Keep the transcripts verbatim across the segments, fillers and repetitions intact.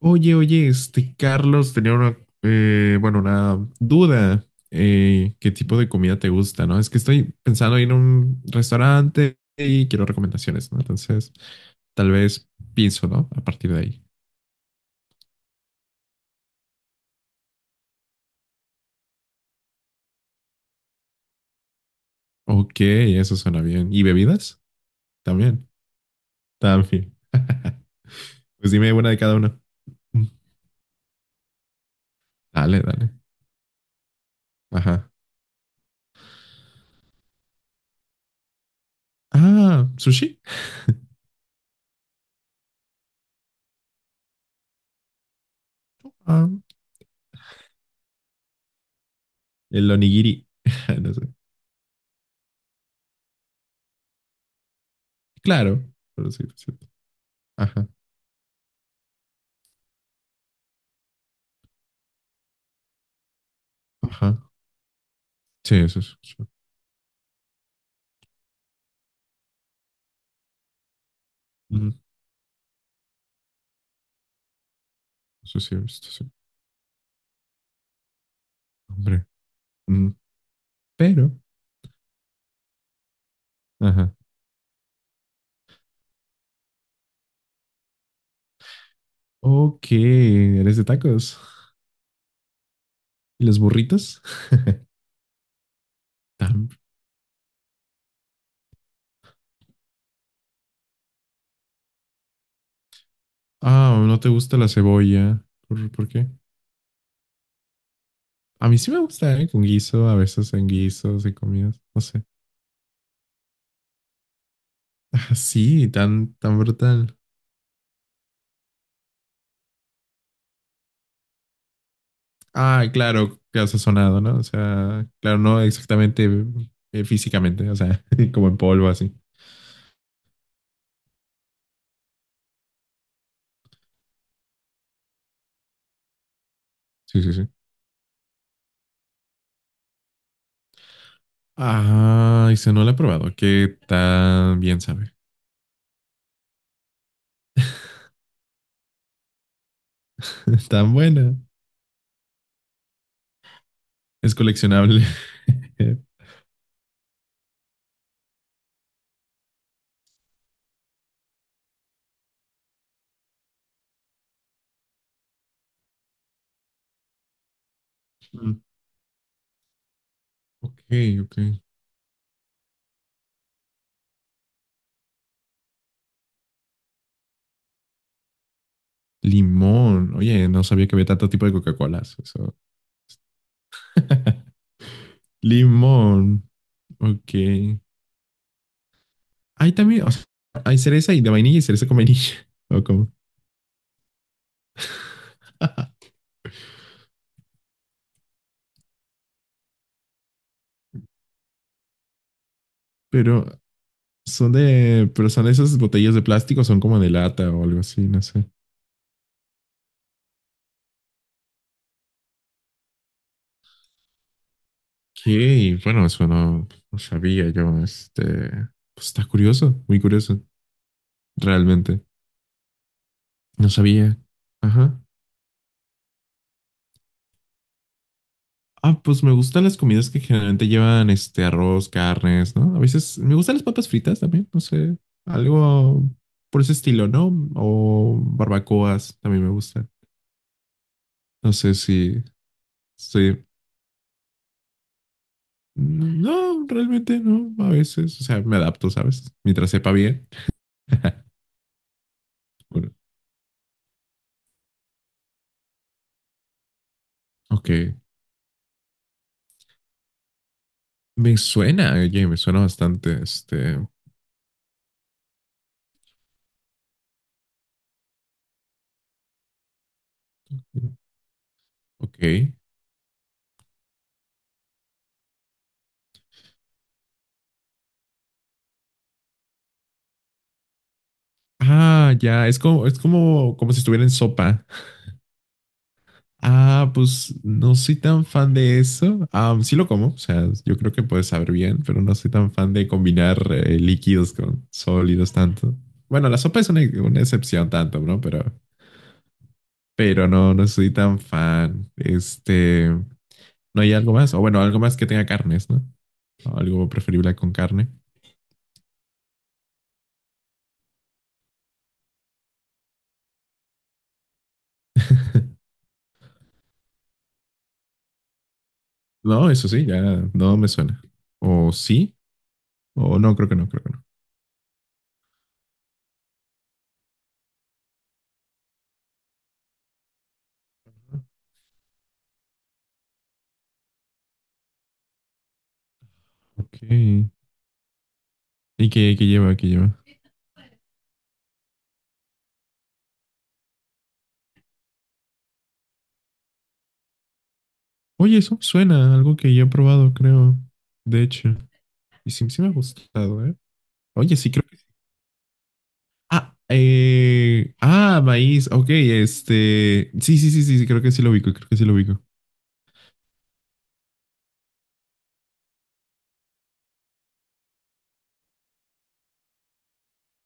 Oye, oye, este Carlos tenía una, eh, bueno, una duda. Eh, ¿qué tipo de comida te gusta, no? Es que estoy pensando en un restaurante y quiero recomendaciones, ¿no? Entonces, tal vez pienso, ¿no? A partir de ahí. Ok, eso suena bien. ¿Y bebidas? También, también. Pues dime una de cada una. Mm, Dale, dale. Ajá. Ah, sushi. Ah, el onigiri. No sé. Claro. Pero sí, sí. Ajá, ajá. Sí, eso es. Ujú. Eso sí, esto sí. Hombre. Mm, Pero, ajá. Ok, eres de tacos. ¿Y las burritas? Tam- Ah, no te gusta la cebolla. ¿Por, por qué? A mí sí me gusta, ¿eh? Con guiso, a veces en guisos y comidas. No sé. Ah, sí, tan, tan brutal. Ah, claro, que ha sazonado, ¿no? O sea, claro, no exactamente eh, físicamente, o sea, como en polvo, así. Sí, sí, sí. Ah, y se no la he probado. ¿Qué tan bien sabe? Tan buena. Es coleccionable. Mm, Ok, ok. Limón. Oye, no sabía que había tanto tipo de Coca-Colas. Eso. Limón. Ok. Hay también, o sea, hay cereza y de vainilla y cereza con vainilla. O como, pero son de, pero son esas botellas de plástico, son como de lata o algo así, no sé. Ok, bueno, eso no, no sabía yo. Este, pues está curioso, muy curioso, realmente. No sabía. Ajá. Ah, pues me gustan las comidas que generalmente llevan este arroz, carnes, ¿no? A veces me gustan las papas fritas también, no sé, algo por ese estilo, ¿no? O barbacoas también me gustan. No sé si estoy... No, realmente no, a veces, o sea, me adapto, ¿sabes? Mientras sepa bien. Bueno, ok, me suena, oye, me suena bastante, este, ok. Ah, ya, es como, es como, como si estuviera en sopa. Ah, pues no soy tan fan de eso. Ah, sí lo como, o sea, yo creo que puedes saber bien, pero no soy tan fan de combinar eh, líquidos con sólidos tanto. Bueno, la sopa es una, una excepción tanto, ¿no? Pero, pero no, no soy tan fan. Este, no hay algo más, o bueno, algo más que tenga carnes, ¿no? O algo preferible con carne. No, eso sí, ya no me suena. O sí, o no, creo que no, creo que no. Ok. ¿Y qué, qué lleva? ¿Qué lleva? Oye, eso suena a algo que yo he probado, creo. De hecho. Y sí, sí me ha gustado, ¿eh? Oye, sí, creo que... sí. Ah, eh... ah, maíz. Ok, este... Sí, sí, sí, sí, sí, creo que sí lo ubico, creo que sí lo ubico.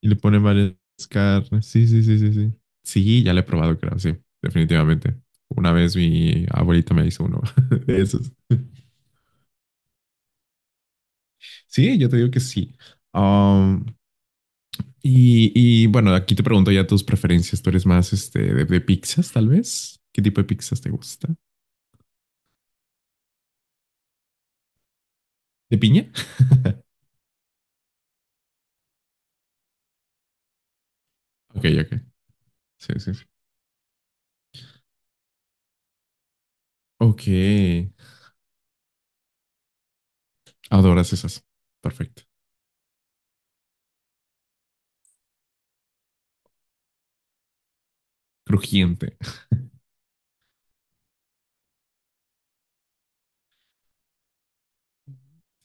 Y le pone varias carnes. Sí, sí, sí, sí, sí. Sí, ya lo he probado, creo, sí, definitivamente. Una vez mi abuelita me hizo uno de esos. Sí, yo te digo que sí. Um, Y, y, bueno, aquí te pregunto ya tus preferencias. ¿Tú eres más este, de, de pizzas, tal vez? ¿Qué tipo de pizzas te gusta? ¿De piña? Ok, ok. Sí, sí, sí. Ok. Adoras esas. Perfecto. Crujiente.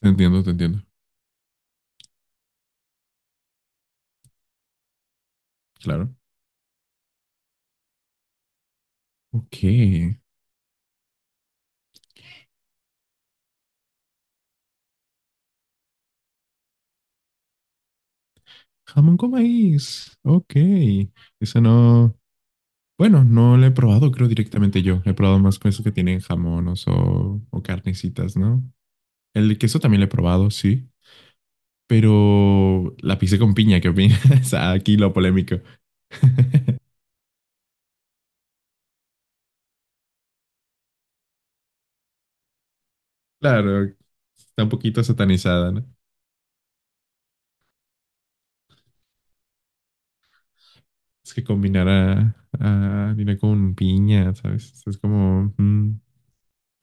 Te entiendo, te entiendo. Claro. Ok. Jamón con maíz. Ok. Esa no. Bueno, no la he probado, creo directamente yo. He probado más con eso que tienen jamones o, o carnecitas, ¿no? El queso también lo he probado, sí. Pero la pizza con piña, ¿qué opinas? Aquí lo polémico. Claro, está un poquito satanizada, ¿no? Es que combinar a, a harina con piña, ¿sabes? Es como... mm,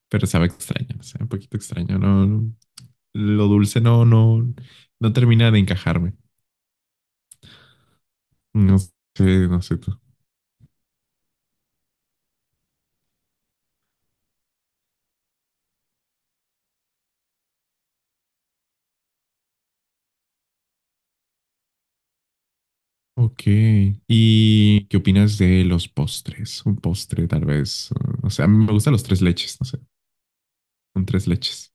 pero sabe extraño, no sé, un poquito extraño, ¿no? no, Lo dulce no, no, no termina de encajarme. No sé, no sé tú. Ok. ¿Y qué opinas de los postres? Un postre, tal vez. O sea, a mí me gustan los tres leches, no sé. Un tres leches.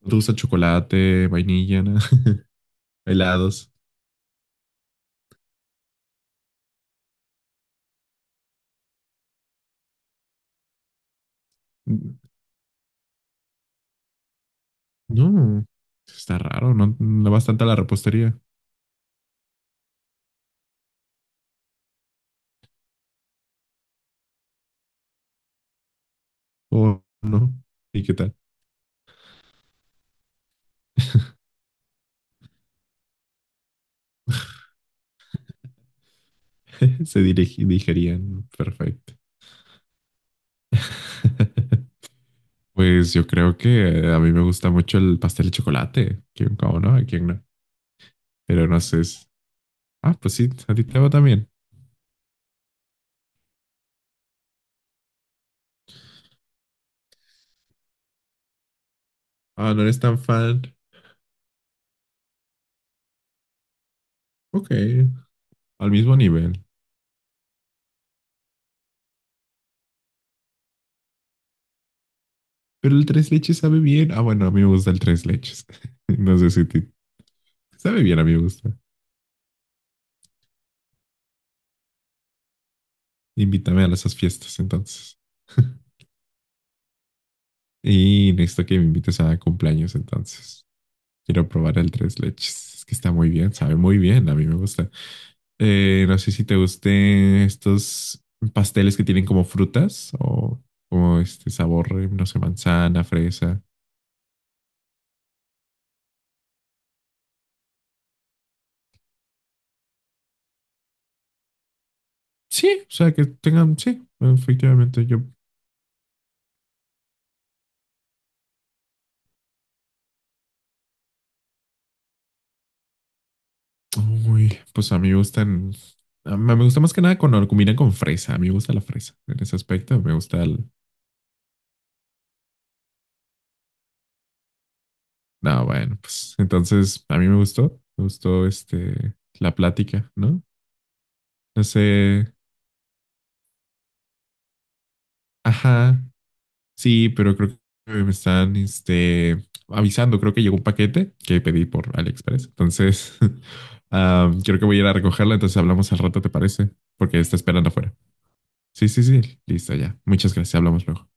¿No te gusta chocolate, vainilla, nada? ¿Helados? No, está raro, no, no vas tanto a la repostería. ¿O no? ¿Y qué tal? Se dirigi- digerían perfecto. Pues yo creo que a mí me gusta mucho el pastel de chocolate. ¿Quién cómo no? ¿A quién no? Pero no sé. es- Ah, pues sí, a ti te va también. Ah, no eres tan fan. Ok, al mismo nivel. Pero el tres leches sabe bien. Ah, bueno, a mí me gusta el tres leches. No sé si a ti- sabe bien, a mí me gusta. Invítame a esas fiestas entonces. Y necesito que me invites a cumpleaños entonces. Quiero probar el tres leches. Es que está muy bien, sabe muy bien, a mí me gusta. Eh, no sé si te gusten estos pasteles que tienen como frutas o como este sabor, no sé, manzana, fresa. Sí, o sea, que tengan, sí, efectivamente, yo, uy, pues a mí me gustan, a mí me gusta más que nada cuando lo combinan con fresa, a mí me gusta la fresa en ese aspecto, me gusta el- No, bueno, pues entonces a mí me gustó, me gustó este la plática, ¿no? No sé, ajá, sí, pero creo que me están este avisando, creo que llegó un paquete que pedí por AliExpress, entonces ah, creo que voy a ir a recogerlo, entonces hablamos al rato, ¿te parece? Porque está esperando afuera. Sí, sí, sí, listo ya. Muchas gracias, hablamos luego.